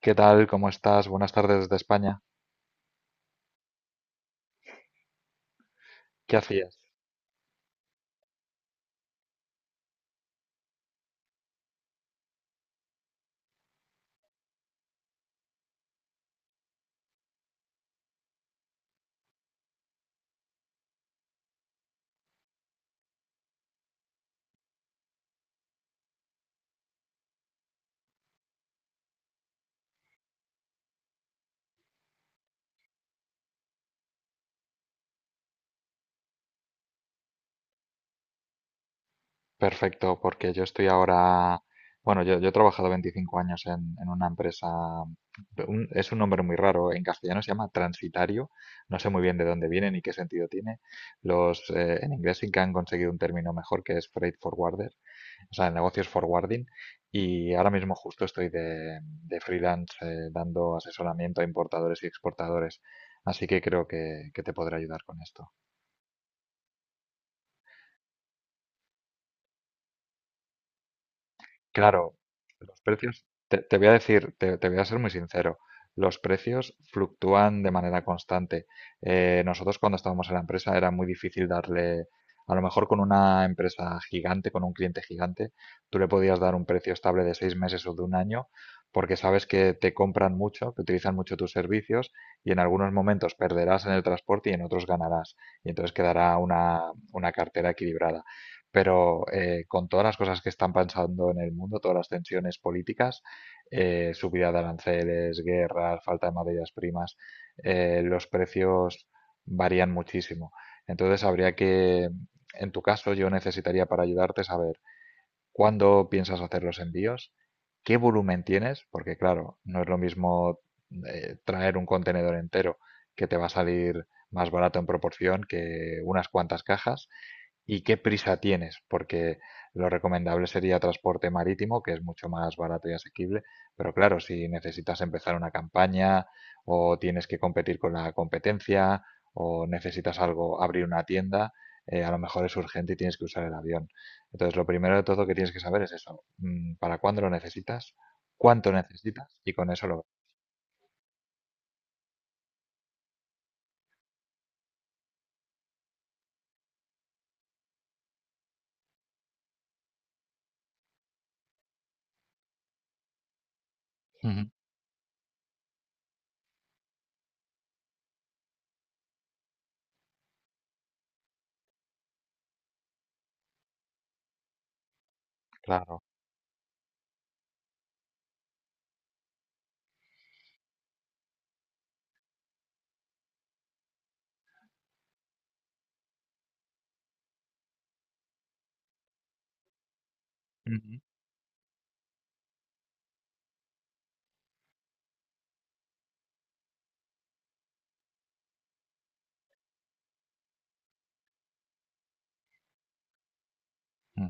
¿Qué tal? ¿Cómo estás? Buenas tardes desde España. ¿Qué hacías? Perfecto, porque yo estoy ahora, bueno, yo he trabajado 25 años en una empresa, es un nombre muy raro, en castellano se llama transitario, no sé muy bien de dónde viene ni qué sentido tiene. En inglés sí que han conseguido un término mejor que es freight forwarder, o sea, el negocio es forwarding, y ahora mismo justo estoy de, freelance dando asesoramiento a importadores y exportadores, así que creo que te podré ayudar con esto. Claro, los precios, te voy a decir, te voy a ser muy sincero, los precios fluctúan de manera constante. Nosotros cuando estábamos en la empresa era muy difícil darle, a lo mejor con una empresa gigante, con un cliente gigante, tú le podías dar un precio estable de 6 meses o de un año, porque sabes que te compran mucho, que utilizan mucho tus servicios y en algunos momentos perderás en el transporte y en otros ganarás. Y entonces quedará una cartera equilibrada pero con todas las cosas que están pasando en el mundo, todas las tensiones políticas, subida de aranceles, guerras, falta de materias primas, los precios varían muchísimo. Entonces habría que, en tu caso, yo necesitaría para ayudarte saber cuándo piensas hacer los envíos, qué volumen tienes, porque claro, no es lo mismo traer un contenedor entero que te va a salir más barato en proporción que unas cuantas cajas, y qué prisa tienes, porque lo recomendable sería transporte marítimo, que es mucho más barato y asequible, pero claro, si necesitas empezar una campaña o tienes que competir con la competencia o necesitas algo, abrir una tienda, a lo mejor es urgente y tienes que usar el avión. Entonces, lo primero de todo que tienes que saber es eso, para cuándo lo necesitas, cuánto necesitas y con eso lo... Ujú. Claro. Mm.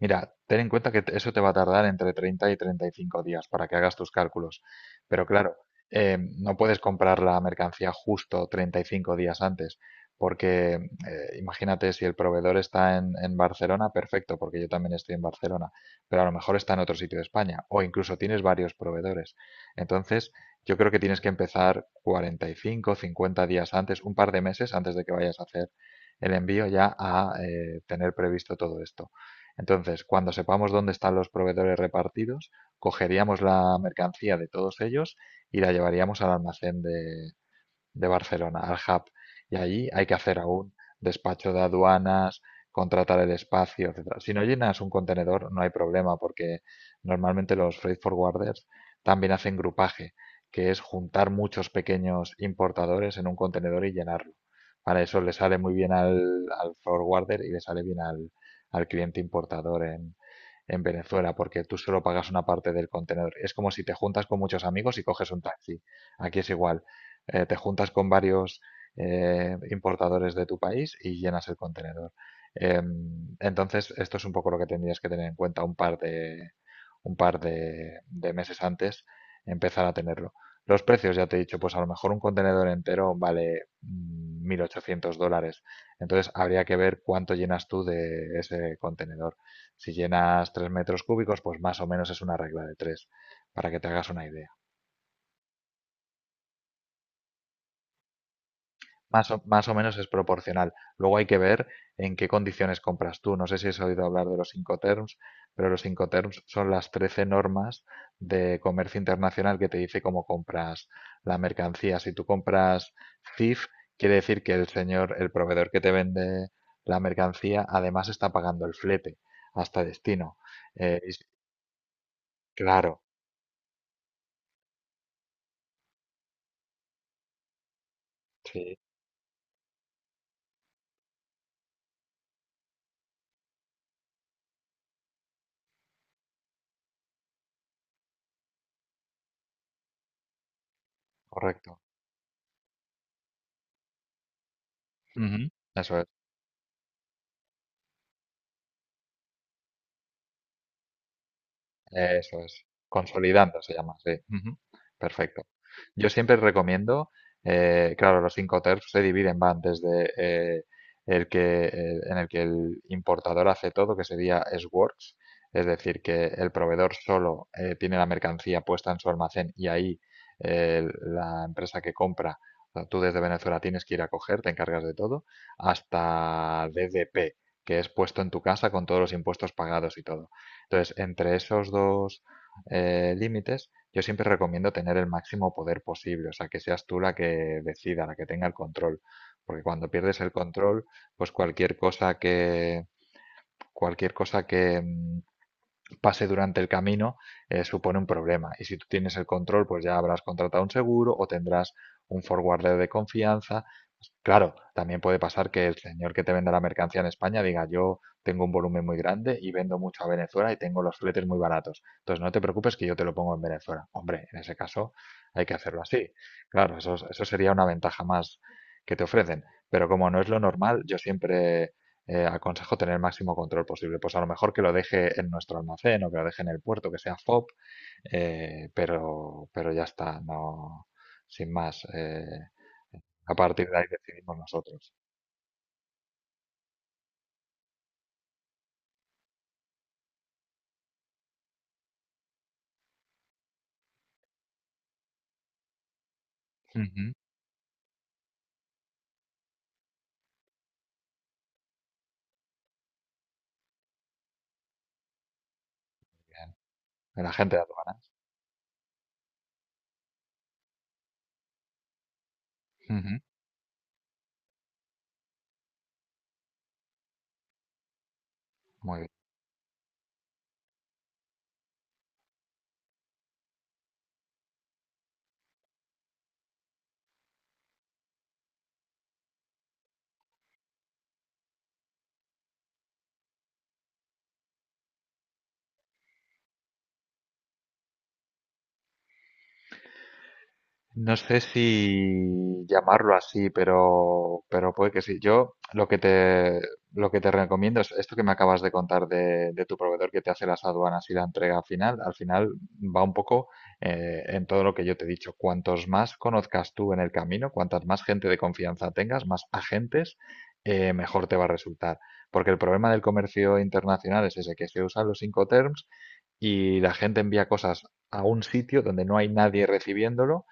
Mira, ten en cuenta que eso te va a tardar entre 30 y 35 días para que hagas tus cálculos. Pero claro, no puedes comprar la mercancía justo 35 días antes, porque imagínate, si el proveedor está en Barcelona, perfecto, porque yo también estoy en Barcelona, pero a lo mejor está en otro sitio de España o incluso tienes varios proveedores. Entonces, yo creo que tienes que empezar 45, 50 días antes, un par de meses antes de que vayas a hacer el envío, ya a tener previsto todo esto. Entonces, cuando sepamos dónde están los proveedores repartidos, cogeríamos la mercancía de todos ellos y la llevaríamos al almacén de Barcelona, al hub. Y allí hay que hacer aún despacho de aduanas, contratar el espacio, etcétera. Si no llenas un contenedor, no hay problema, porque normalmente los freight forwarders también hacen grupaje, que es juntar muchos pequeños importadores en un contenedor y llenarlo. Para eso le sale muy bien al forwarder y le sale bien al cliente importador en Venezuela, porque tú solo pagas una parte del contenedor. Es como si te juntas con muchos amigos y coges un taxi. Aquí es igual, te juntas con varios importadores de tu país y llenas el contenedor. Eh, entonces, esto es un poco lo que tendrías que tener en cuenta un par de meses antes, empezar a tenerlo. Los precios, ya te he dicho, pues a lo mejor un contenedor entero vale $1.800. Entonces habría que ver cuánto llenas tú de ese contenedor. Si llenas 3 metros cúbicos, pues más o menos es una regla de 3 para que te hagas una idea. Más o menos es proporcional. Luego hay que ver en qué condiciones compras tú. No sé si has oído hablar de los Incoterms, pero los Incoterms son las 13 normas de comercio internacional que te dice cómo compras la mercancía. Si tú compras CIF, quiere decir que el señor, el proveedor que te vende la mercancía, además está pagando el flete hasta destino. Eh, y si- claro, sí, correcto. Ujú. Eso Eso es. Consolidando se llama, sí. Ujú. Perfecto. Yo siempre recomiendo, claro, los cinco TERFs se dividen, van desde en el que el importador hace todo, que sería SWORX, es decir, que el proveedor solo tiene la mercancía puesta en su almacén y ahí la empresa que compra, o sea, tú desde Venezuela tienes que ir a coger, te encargas de todo, hasta DDP, que es puesto en tu casa con todos los impuestos pagados y todo. Entonces, entre esos dos límites, yo siempre recomiendo tener el máximo poder posible, o sea, que seas tú la que decida, la que tenga el control, porque cuando pierdes el control, pues cualquier cosa que pase durante el camino supone un problema. Y si tú tienes el control, pues ya habrás contratado un seguro o tendrás un forwarder de confianza. Pues, claro, también puede pasar que el señor que te venda la mercancía en España diga: yo tengo un volumen muy grande y vendo mucho a Venezuela y tengo los fletes muy baratos. Entonces no te preocupes, que yo te lo pongo en Venezuela. Hombre, en ese caso hay que hacerlo así. Claro, eso sería una ventaja más que te ofrecen. Pero como no es lo normal, yo siempre aconsejo tener el máximo control posible. Pues a lo mejor que lo deje en nuestro almacén o que lo deje en el puerto, que sea FOB, pero ya está, no, sin más. A partir de ahí decidimos nosotros. Ujú. Bien. La gente de aduana. Ujú. Muy bien. No sé si llamarlo así, pero puede que sí. Yo lo que te recomiendo es esto que me acabas de contar de tu proveedor que te hace las aduanas y la entrega final. Al final va un poco, en todo lo que yo te he dicho. Cuantos más conozcas tú en el camino, cuantas más gente de confianza tengas, más agentes, mejor te va a resultar. Porque el problema del comercio internacional es ese, que se usan los Incoterms y la gente envía cosas a un sitio donde no hay nadie recibiéndolo,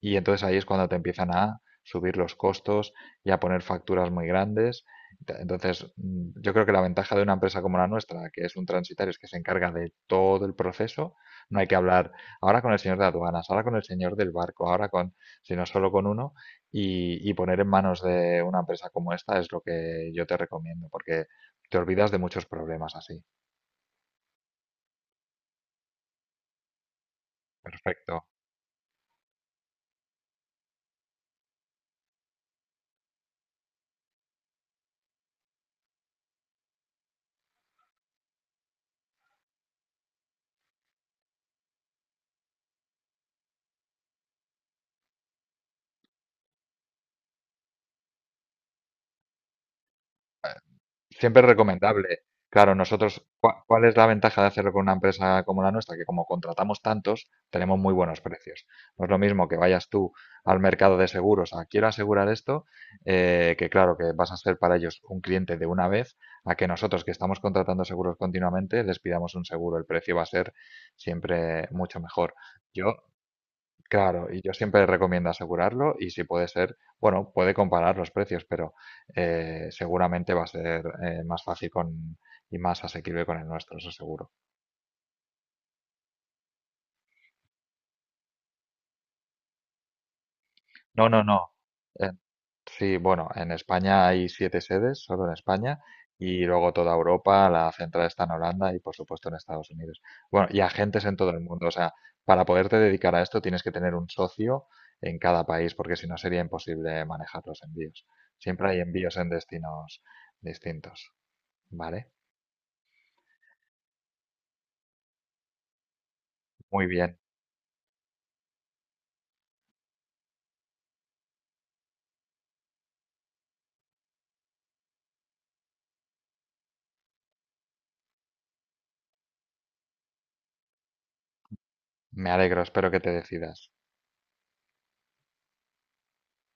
y entonces ahí es cuando te empiezan a subir los costos y a poner facturas muy grandes. Entonces, yo creo que la ventaja de una empresa como la nuestra, que es un transitario, es que se encarga de todo el proceso. No hay que hablar ahora con el señor de aduanas, ahora con el señor del barco, ahora con, sino solo con uno. Y poner en manos de una empresa como esta es lo que yo te recomiendo, porque te olvidas de muchos problemas así. Perfecto. Siempre es recomendable. Claro, nosotros, ¿cuál es la ventaja de hacerlo con una empresa como la nuestra? Que como contratamos tantos, tenemos muy buenos precios. No es lo mismo que vayas tú al mercado de seguros a quiero asegurar esto, que claro, que vas a ser para ellos un cliente de una vez, a que nosotros, que estamos contratando seguros continuamente, les pidamos un seguro. El precio va a ser siempre mucho mejor. Yo Claro, y yo siempre recomiendo asegurarlo, y si puede ser, bueno, puede comparar los precios, pero seguramente va a ser más fácil con, y más asequible con el nuestro, eso seguro. No, no, no. Eh, Sí, bueno, en España hay siete sedes, solo en España, y luego toda Europa, la central está en Holanda y por supuesto en Estados Unidos. Bueno, y agentes en todo el mundo, o sea, para poderte dedicar a esto tienes que tener un socio en cada país, porque si no sería imposible manejar los envíos. Siempre hay envíos en destinos distintos, ¿vale? Muy bien, me alegro, espero que te decidas.